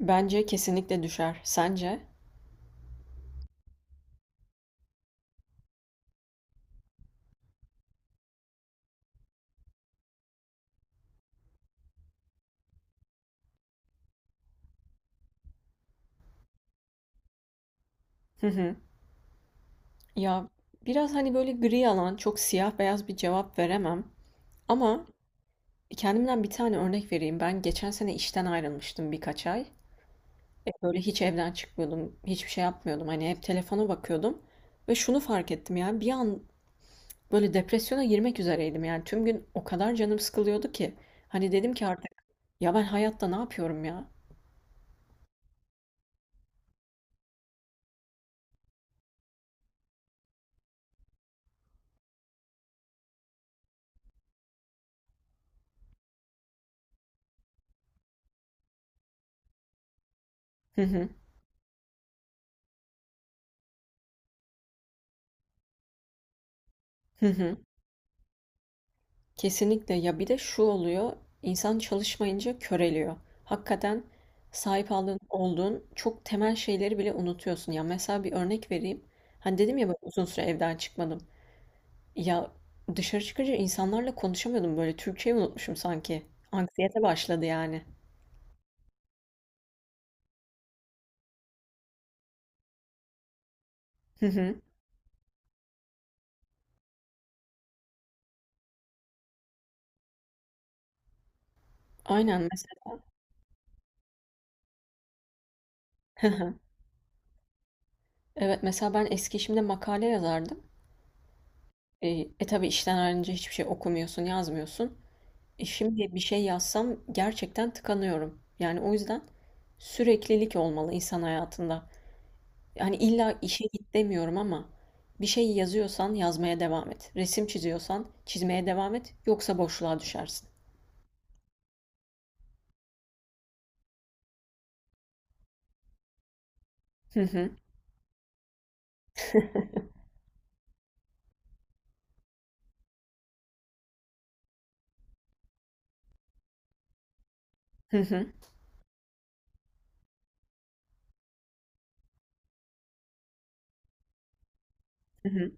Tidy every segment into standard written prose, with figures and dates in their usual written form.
Bence kesinlikle düşer. Sence? Hı hı. Ya biraz hani böyle gri alan, çok siyah beyaz bir cevap veremem. Ama kendimden bir tane örnek vereyim. Ben geçen sene işten ayrılmıştım birkaç ay. Böyle hiç evden çıkmıyordum, hiçbir şey yapmıyordum. Hani hep telefona bakıyordum. Ve şunu fark ettim yani bir an böyle depresyona girmek üzereydim. Yani tüm gün o kadar canım sıkılıyordu ki. Hani dedim ki artık ya ben hayatta ne yapıyorum ya? Hı hı. Hı hı. Kesinlikle ya bir de şu oluyor, insan çalışmayınca köreliyor. Hakikaten sahip aldığın, olduğun çok temel şeyleri bile unutuyorsun. Ya mesela bir örnek vereyim. Hani dedim ya ben uzun süre evden çıkmadım. Ya dışarı çıkınca insanlarla konuşamıyordum, böyle Türkçeyi unutmuşum sanki. Anksiyete başladı yani. Hı hı. Aynen mesela. Evet mesela ben eski işimde makale yazardım. E, e tabii işten ayrılınca hiçbir şey okumuyorsun, yazmıyorsun. Şimdi bir şey yazsam gerçekten tıkanıyorum. Yani o yüzden süreklilik olmalı insan hayatında. Yani illa işe git demiyorum ama bir şey yazıyorsan yazmaya devam et. Resim çiziyorsan çizmeye devam et. Yoksa boşluğa düşersin. Hı hı, hı hı, hı hı.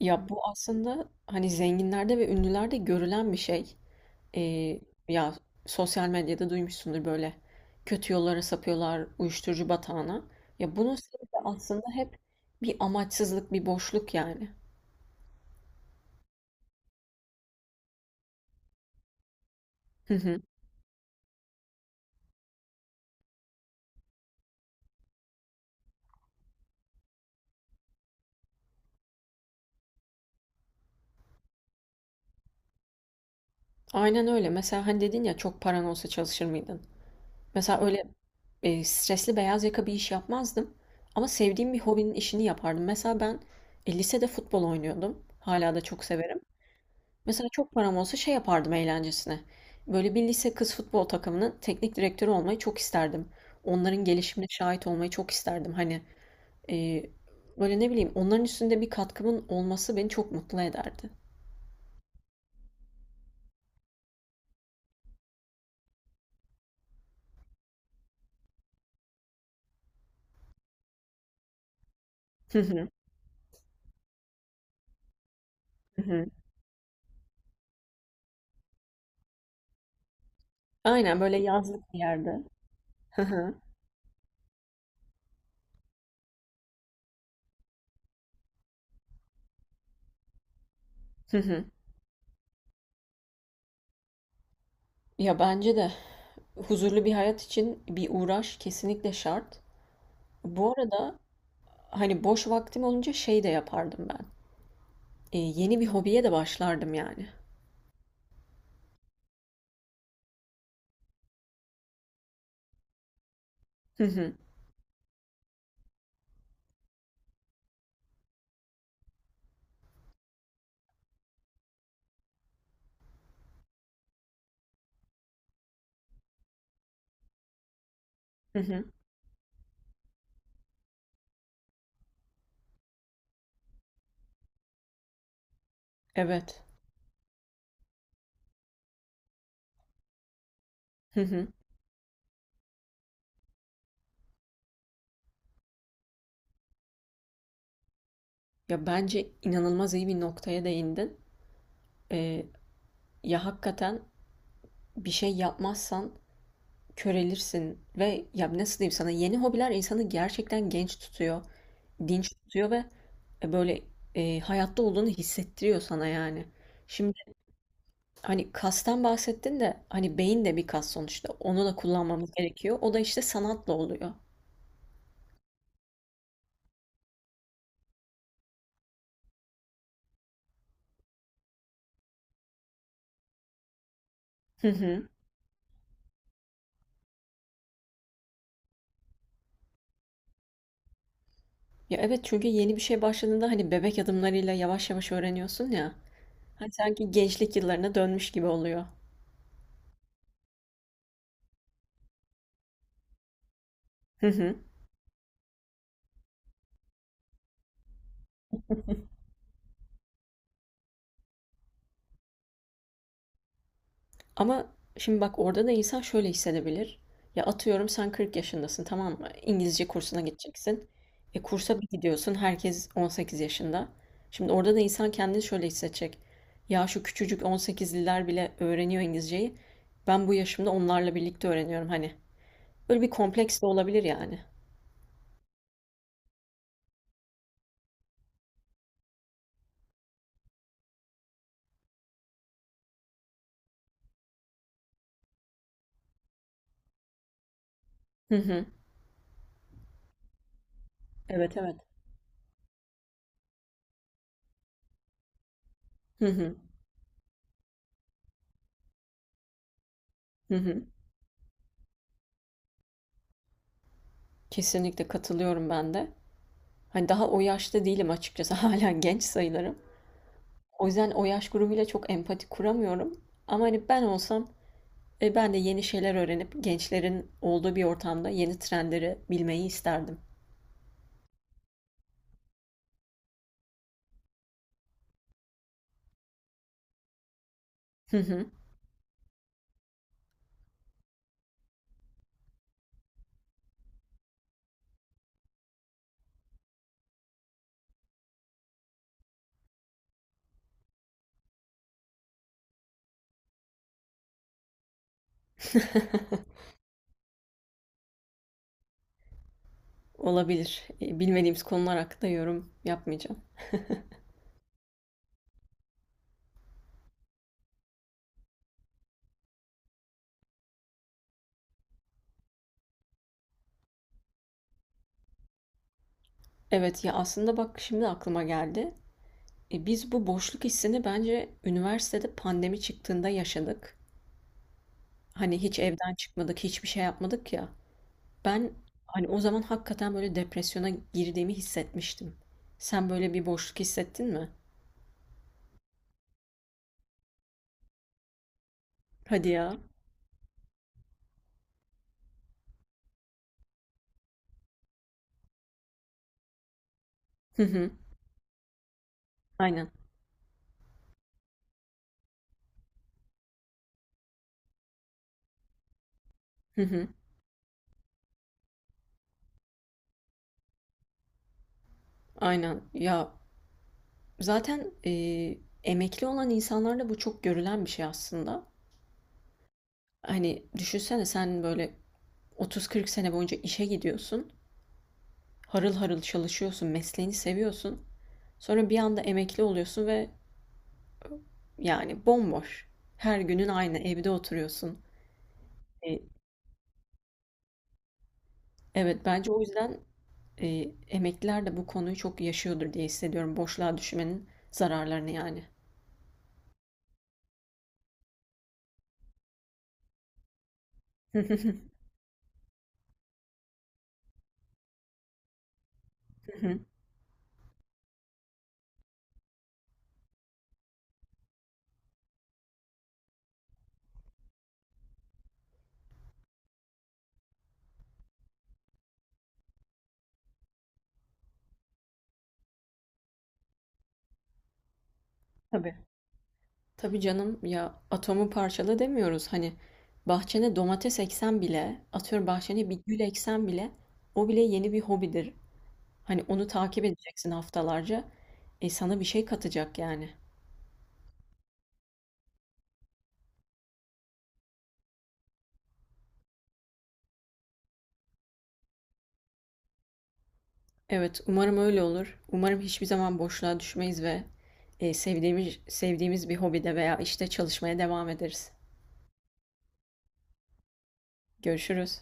Ya bu aslında hani zenginlerde ve ünlülerde görülen bir şey. Ee, ya sosyal medyada duymuşsundur böyle kötü yollara sapıyorlar uyuşturucu batağına. Ya bunun sebebi aslında hep bir amaçsızlık, bir boşluk yani. Hı hı. Aynen öyle. Mesela hani dedin ya çok paran olsa çalışır mıydın? Mesela öyle stresli beyaz yaka bir iş yapmazdım. Ama sevdiğim bir hobinin işini yapardım. Mesela ben lisede futbol oynuyordum. Hala da çok severim. Mesela çok param olsa şey yapardım eğlencesine. Böyle bir lise kız futbol takımının teknik direktörü olmayı çok isterdim. Onların gelişimine şahit olmayı çok isterdim. Hani e, böyle ne bileyim onların üstünde bir katkımın olması beni çok mutlu ederdi. Hı hı, hı hı. Aynen böyle yazlık bir yerde. Hı hı, hı hı. Ya bence de huzurlu bir hayat için bir uğraş kesinlikle şart. Bu arada hani boş vaktim olunca şey de yapardım ben. E, yeni bir hobiye de başlardım yani. Hı hı, hı hı. Evet. Hı hı. Ya bence inanılmaz iyi bir noktaya değindin. Ee, ya hakikaten bir şey yapmazsan körelirsin ve ya nasıl diyeyim sana, yeni hobiler insanı gerçekten genç tutuyor, dinç tutuyor ve e, böyle hayatta olduğunu hissettiriyor sana yani. Şimdi hani kastan bahsettin de, hani beyin de bir kas sonuçta. Onu da kullanmamız gerekiyor. O da işte sanatla oluyor. Hı hı. Ya evet, çünkü yeni bir şey başladığında hani bebek adımlarıyla yavaş yavaş öğreniyorsun ya. Hani sanki gençlik yıllarına dönmüş gibi oluyor. Hı hı. Ama şimdi bak, orada da insan şöyle hissedebilir. Ya atıyorum sen 40 yaşındasın, tamam mı? İngilizce kursuna gideceksin. E kursa bir gidiyorsun, herkes 18 yaşında. Şimdi orada da insan kendini şöyle hissedecek. Ya şu küçücük 18'liler bile öğreniyor İngilizceyi. Ben bu yaşımda onlarla birlikte öğreniyorum hani. Böyle bir kompleks de olabilir yani. Hı hı. Evet evet. Hı hı. Hı hı. Kesinlikle katılıyorum ben de. Hani daha o yaşta değilim açıkçası. Hala genç sayılırım. O yüzden o yaş grubuyla çok empati kuramıyorum. Ama hani ben olsam ben de yeni şeyler öğrenip gençlerin olduğu bir ortamda yeni trendleri bilmeyi isterdim. Hı hı. Olabilir. E, bilmediğimiz konular hakkında yorum yapmayacağım. Evet, ya aslında bak şimdi aklıma geldi. E, biz bu boşluk hissini bence üniversitede pandemi çıktığında yaşadık. Hani hiç evden çıkmadık, hiçbir şey yapmadık ya. Ben hani o zaman hakikaten böyle depresyona girdiğimi hissetmiştim. Sen böyle bir boşluk hissettin mi? Hadi ya. Hı hı. Aynen. Hı hı. Aynen. Ya zaten emekli olan insanlarda bu çok görülen bir şey aslında. Hani düşünsene sen böyle 30-40 sene boyunca işe gidiyorsun. Harıl harıl çalışıyorsun, mesleğini seviyorsun. Sonra bir anda emekli oluyorsun ve yani bomboş. Her günün aynı evde oturuyorsun. E, evet bence o yüzden emekliler de bu konuyu çok yaşıyordur diye hissediyorum. Boşluğa düşmenin zararlarını yani. Tabii. Tabii canım, ya atomu parçala demiyoruz. Hani bahçene domates eksen bile, atıyorum bahçene bir gül eksen bile o bile yeni bir hobidir. Hani onu takip edeceksin haftalarca. E sana bir şey katacak yani. Evet, umarım öyle olur. Umarım hiçbir zaman boşluğa düşmeyiz ve sevdiğimiz bir hobide veya işte çalışmaya devam ederiz. Görüşürüz.